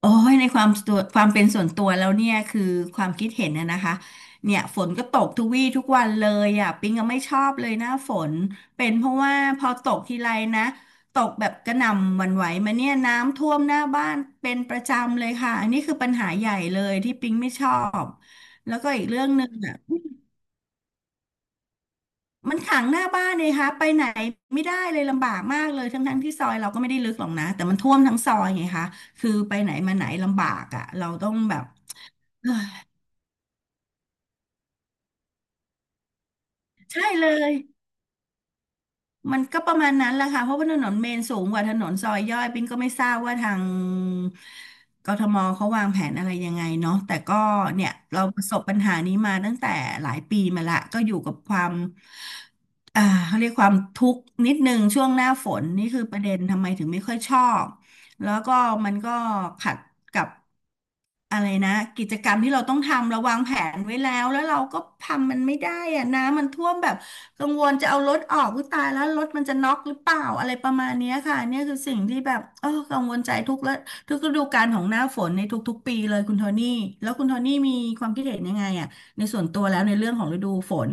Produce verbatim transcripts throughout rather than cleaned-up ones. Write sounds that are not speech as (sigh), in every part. โอ้ยในความตัวความเป็นส่วนตัวแล้วเนี่ยคือความคิดเห็นนะนะคะเนี่ยฝนก็ตกทุกวี่ทุกวันเลยอ่ะปิงก็ไม่ชอบเลยหน้าฝนเป็นเพราะว่าพอตกทีไรนะตกแบบกระหน่ำหวั่นไหวมาเนี่ยน้ำท่วมหน้าบ้านเป็นประจำเลยค่ะอันนี้คือปัญหาใหญ่เลยที่ปิงไม่ชอบแล้วก็อีกเรื่องหนึ่งอ่ะมันขังหน้าบ้านเลยค่ะไปไหนไม่ได้เลยลำบากมากเลยทั้งๆที่ซอยเราก็ไม่ได้ลึกหรอกนะแต่มันท่วมทั้งซอยไงคะคือไปไหนมาไหนลำบากอ่ะเราต้องแบบ ใช่เลย มันก็ประมาณนั้นแหละค่ะ เพราะว่าถนนเมนสูงกว่าถนนซอยย่อย ปิ้งก็ไม่ทราบว่าทางกทมเขาวางแผนอะไรยังไงเนาะแต่ก็เนี่ยเราประสบปัญหานี้มาตั้งแต่หลายปีมาละก็อยู่กับความอ่าเขาเรียกความทุกข์นิดนึงช่วงหน้าฝน นี่คือประเด็นทำไมถึงไม่ค่อยชอบ แล้วก็มันก็ขัดกับอะไรนะกิจกรรมที่เราต้องทำเราวางแผนไว้แล้วแล้วเราก็ทำมันไม่ได้อะน้ำมันท่วมแบบกังวลจะเอารถออกก็ตายแล้วรถมันจะน็อกหรือเปล่าอะไรประมาณเนี้ยค่ะเนี่ยคือสิ่งที่แบบเออกังวลใจทุกและทุกฤดูกาลของหน้าฝนในทุกๆปีเลยคุณโทนี่แล้วคุณโทนี่มีความคิดเห็นยังไงอะในส่วนตัวแล้วในเรื่องของฤดูฝน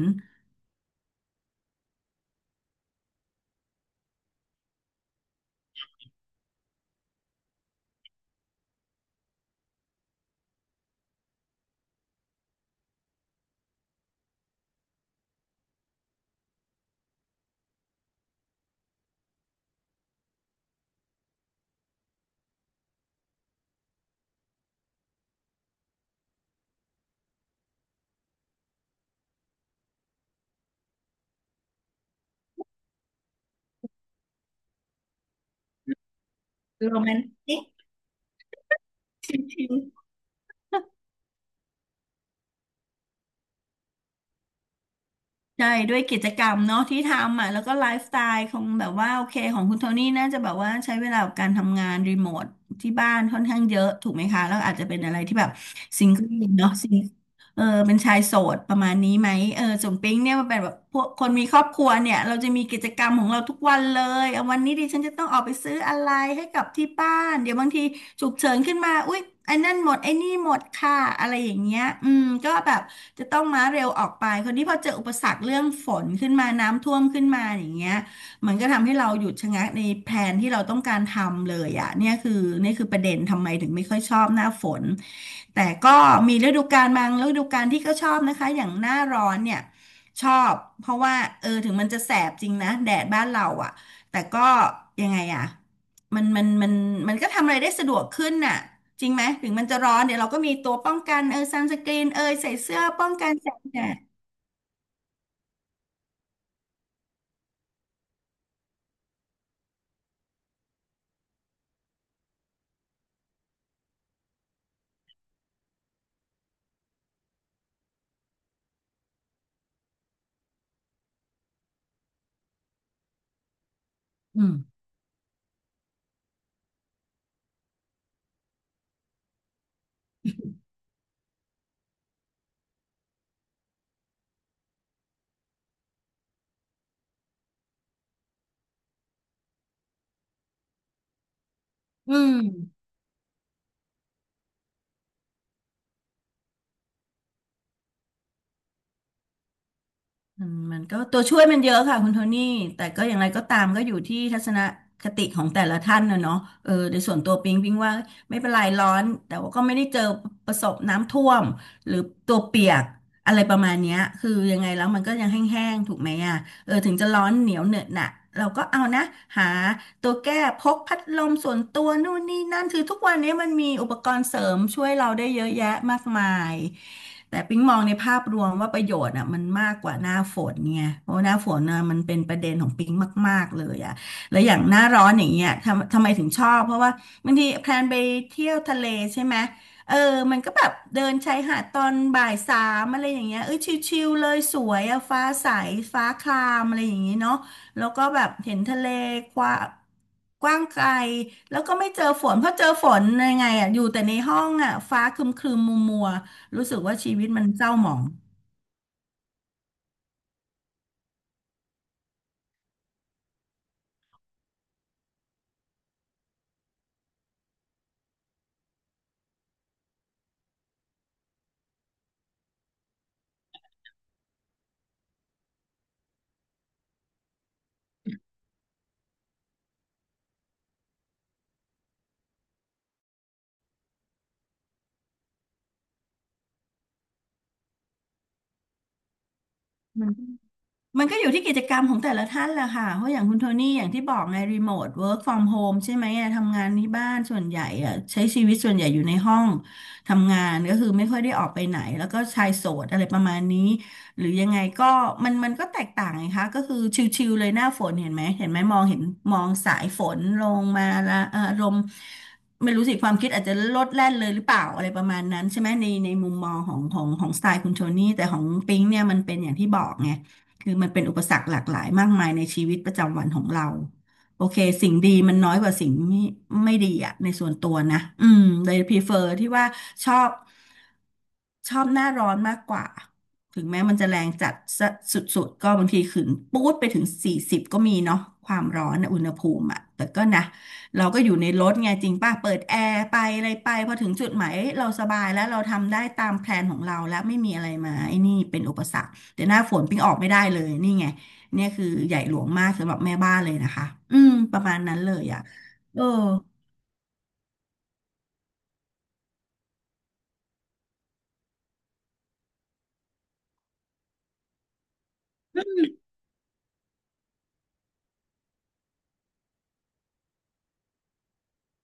โรแมนติก ใช่ด้วยกิจกรรมเนาะที่ทำอ่ะแล้วก็ไลฟ์สไตล์ของแบบว่าโอเคของคุณโทนี่น่าจะแบบว่าใช้เวลากับการทำงานรีโมทที่บ้านค่อนข้างเยอะถูกไหมคะแล้วอาจจะเป็นอะไรที่แบบซิงเกิลเนาะซิงเออเป็นชายโสดประมาณนี้ไหมเออส่วนปิ๊งเนี่ยมันเป็นแบบพวกคนมีครอบครัวเนี่ยเราจะมีกิจกรรมของเราทุกวันเลยเอาวันนี้ดิฉันจะต้องออกไปซื้ออะไรให้กับที่บ้านเดี๋ยวบางทีฉุกเฉินขึ้นมาอุ๊ยไอ้นั่นหมดไอ้นี่หมดค่ะอะไรอย่างเงี้ยอืมก็แบบ จะต้องม้าเร็วออกไปคราวนที่พอเจออุปสรรคเรื่องฝนขึ้นมาน้ำท่วมขึ้นมาอย่างเงี้ยมันก็ทำให้เราหยุดชะงักในแผนที่เราต้องการทำเลยอ่ะเนี่ยคือนี่คือประเด็นทำไมถึงไม่ค่อยชอบหน้าฝนแต่ก็มีฤดูกาลบางฤดูกาลที่ก็ชอบนะคะอย่างหน้าร้อนเนี่ยชอบเพราะว่าเออถึงมันจะแสบจริงนะแดดบ้านเราอ่ะแต่ก็ยังไงอ่ะมันมันมันมันก็ทำอะไรได้สะดวกขึ้นน่ะ จริงไหมถึงมันจะร้อนเดี๋ยวเราก็มีตัวป้องกันเออซันสกรีนเอยใส่เสื้อป้องกันแสงแดดอืมอืมมันมันก็ตัวช่วยมันเยอะค่ะคุณโทนี่แต่ก็อย่างไรก็ตามก็อยู่ที่ทัศนคติของแต่ละท่านนะเนาะเออโดยส่วนตัวปิงปิงว่าไม่เป็นไรร้อนแต่ว่าก็ไม่ได้เจอประสบน้ำท่วมหรือตัวเปียกอะไรประมาณเนี้ยคือยังไงแล้วมันก็ยังแห้งๆถูกไหมอ่ะ เออถึงจะร้อนเหนียวเหนอะหนะเราก็เอานะหาตัวแก้พกพัดลมส่วนตัวนู่นนี่นั่นคือทุกวันนี้มันมีอุปกรณ์เสริมช่วยเราได้เยอะแยะมากมายแต่ปิ๊งมองในภาพรวมว่าประโยชน์อ่ะมันมากกว่าหน้าฝนไงเพราะว่าหน้าฝนน่ะมันเป็นประเด็นของปิ๊งมากๆเลยอ่ะแล้วอย่างหน้าร้อนอย่างเงี้ยทำทำไมถึงชอบเพราะว่าบางทีแพลนไปเที่ยวทะเลใช่ไหม เออมันก็แบบเดินชายหาดตอนบ่ายสามอะไรอย่างเงี้ยเอ้ยชิลๆเลยสวยอะฟ้าใสฟ้าครามอะไรอย่างงี้เนาะแล้วก็แบบเห็นทะเลกว้างกว้างไกลแล้วก็ไม่เจอฝนเพราะเจอฝนยังไงอะอยู่แต่ในห้องอะฟ้าครึมๆมัวๆรู้สึกว่าชีวิตมันเศร้าหมองมัน มันก็อยู่ที่กิจกรรมของแต่ละท่านแหละค่ะเพราะอย่างคุณโทนี่อย่างที่บอกไงรีโมทเวิร์กฟอร์มโฮมใช่ไหมอะทำงานที่บ้านส่วนใหญ่อะใช้ชีวิตส่วนใหญ่อยู่ในห้องทำงานก็คือไม่ค่อยได้ออกไปไหนแล้วก็ชายโสดอะไรประมาณนี้หรือยังไงก็มันมันก็แตกต่างไงคะก็คือชิลๆเลยหน้าฝนเห็นไหมเห็นไหมมองเห็นมองสายฝนลงมาละเอ่ออารมณ์ไม่รู้สิความคิดอาจจะลดแล่นเลยหรือเปล่าอะไรประมาณนั้นใช่ไหมในในมุมมองของของของสไตล์คุณโทนี่แต่ของปิงเนี่ยมันเป็นอย่างที่บอกไง คือมันเป็นอุปสรรคหลากหลายมากมายในชีวิตประจำวันของเราโอเคสิ่งดีมันน้อยกว่าสิ่งไม่ไม่ดีอะในส่วนตัวนะอืมเลยพรีเฟอร์ที่ว่าชอบชอบหน้าร้อนมากกว่าถึงแม้มันจะแรงจัดสะสุดๆก็บางทีขึ้นปู๊ดไปถึงสี่สิบก็มีเนาะความร้อนนะอุณหภูมิอะแต่ก็นะเราก็อยู่ในรถไงจริงป่ะเปิดแอร์ไปอะไรไปพอถึงจุดหมายเอ้ยเราสบายแล้วเราทำได้ตามแพลนของเราแล้วไม่มีอะไรมาไอ้นี่เป็นอุปสรรค แต่หน้าฝนปิ้งออกไม่ได้เลยนี่ไงเนี่ยคือใหญ่หลวงมากสำหรับแม่บ้านเลยนะคะอืมประมาณนั้นเลยอ่ะเออ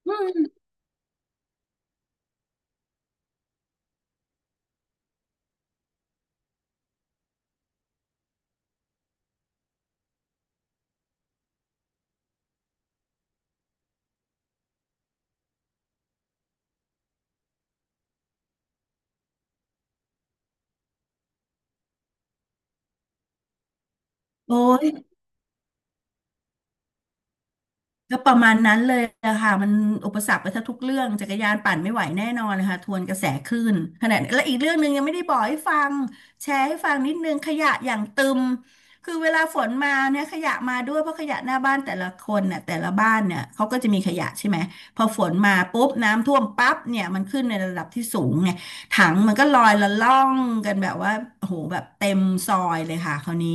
อืมโอ้ย ก็ประมาณนั้นเลยอะค่ะมันอุปสรรคไปแทงทุกเรื่องจักรยานปั่นไม่ไหวแน่นอนเลยค่ะทวนกระแสคลื่นขณะและอีกเรื่องหนึ่งยังไม่ได้บอกให้ฟังแชร์ให้ฟังนิดนึงขยะอย่างตึมคือเวลาฝนมาเนี่ยขยะมาด้วยเพราะขยะหน้าบ้านแต่ละคนเนี่ยแต่ละบ้านเนี่ยเขาก็จะมีขยะใช่ไหมพอฝนมาปุ๊บน้ำท่วมปั๊บเนี่ยมันขึ้นในระดับที่สูงไงถังมันก็ลอยละล่องกันแบบว่าโอ้โหแบบเต็มซอยเลยค่ะคราวนี้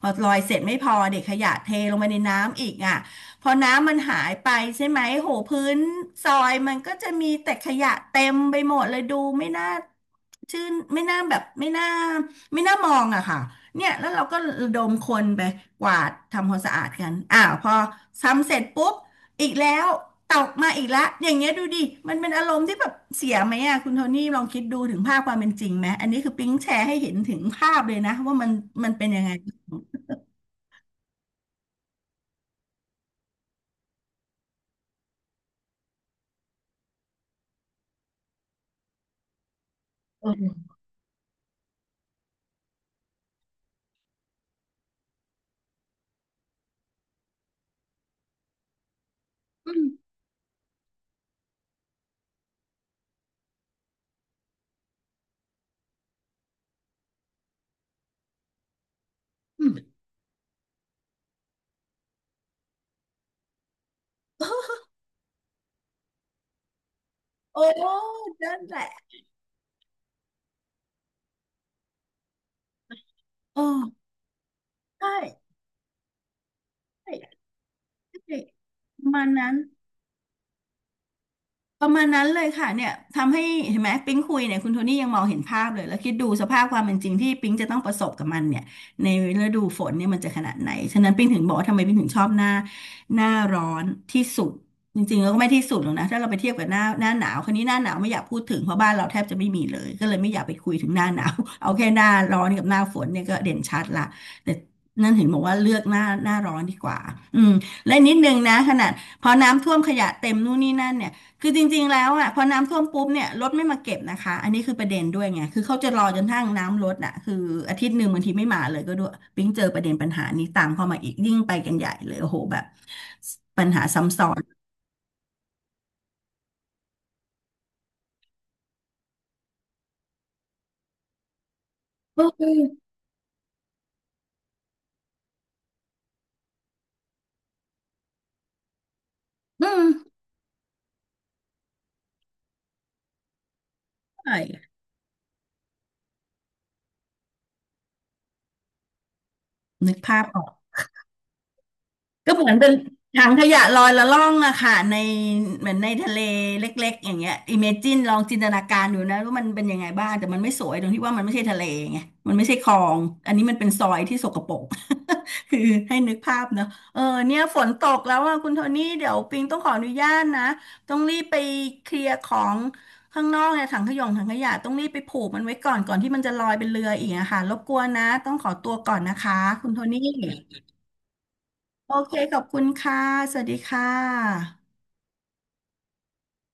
พอลอยเสร็จไม่พอเด็กขยะเทลงไปในน้ำอีกอ่ะ พอน้ำมันหายไปใช่ไหมโหพื้นซอยมันก็จะมีแต่ขยะเต็มไปหมดเลยดูไม่น่าชื่นไม่น่าแบบไม่น่าไม่น่ามองอะค่ะเนี่ยแล้วเราก็ระดมคนไปกวาดทำความสะอาดกันอ้าวพอทำเสร็จปุ๊บอีกแล้วตกมาอีกแล้วอย่างเงี้ยดูดิมันเป็นอารมณ์ที่แบบเสียไหมอะคุณโทนี่ลองคิดดูถึงภาพความเป็นจริงไหมอันนี้คือปิ๊งแชร์ให้เห็นถึงภาพเลยนะว่ามันมันเป็นยังไงอืมอืม (laughs) โอ้นั่นแหละ เออใช่ใช่ใช่ประมาณนั้น ประมาณนั้นเลยค่ะเนี่ยทำให้เห็นไหมปิ๊งคุยเนี่ยคุณโทนี่ยังมองเห็นภาพเลยแล้วคิดดูสภาพความเป็นจริงที่ปิ๊งจะต้องประสบกับมันเนี่ยในฤดูฝนเนี่ยมันจะขนาดไหนฉะนั้นปิ๊งถึงบอกว่าทำไมปิ๊งถึงชอบหน้าหน้าร้อนที่สุดจริงๆแล้วก็ไม่ที่สุดหรอกนะถ้าเราไปเทียบกับหน้าหน้าหนาวคนนี้หน้าหนาวไม่อยากพูดถึงเพราะบ้านเราแทบจะไม่มีเลยก็เลยไม่อยากไปคุยถึงหน้าหนาวเอาแค่หน้าร้อนกับหน้าฝนเนี่ยก็เด่นชัดละแต่นั่นถึงบอกว่าเลือกหน้าหน้าร้อนดีกว่าอืมและนิดนึงนะขนาดพอน้ำท่วมขยะเต็มนู่นนี่นั่นเนี่ย คือจริงๆแล้วอ่ะพอน้ำท่วมปุ๊บเนี่ยรถไม่มาเก็บนะคะอันนี้คือประเด็นด้วยไงคือเขาจะรอจนทั้งน้ำลดอ่ะคืออาทิตย์หนึ่งบางทีไม่มาเลยก็ด้วยปิ๊งเจอประเด็นปัญหานี้ตามเข้ามาอีกยิ่งไปกันใหญ่เลยโอ้โหแบบสอะซ้ำอืมอืมใช่นึกภาพออก ก็เหมือนเป็นถังขยะลอยละล่องอะค่ะในเหมือนในทะเลเล็กๆอย่างเงี้ยอิเมจินลองจินตนาการดูนะว่ามันเป็นยังไงบ้างแต่มันไม่สวยตรงที่ว่ามันไม่ใช่ทะเลไงมันไม่ใช่คลองอันนี้มันเป็นซอยที่สกปรก (laughs) คือให้นึกภาพเนาะเออเนี่ยฝนตกแล้วอะคุณโทนี่เดี๋ยวปิงต้องขออนุญาตนะต้องรีบไปเคลียร์ของข้างนอกเนี่ยถังขยงถังขยะต้องรีบไปผูกมันไว้ก่อนก่อนที่มันจะลอยเป็นเรืออีกอะค่ะรบกวนนะต้องขอตัวก่อนนะคะคุณโทนี่ โอเคขอบคุณค่ะ สวัสดีค่ะ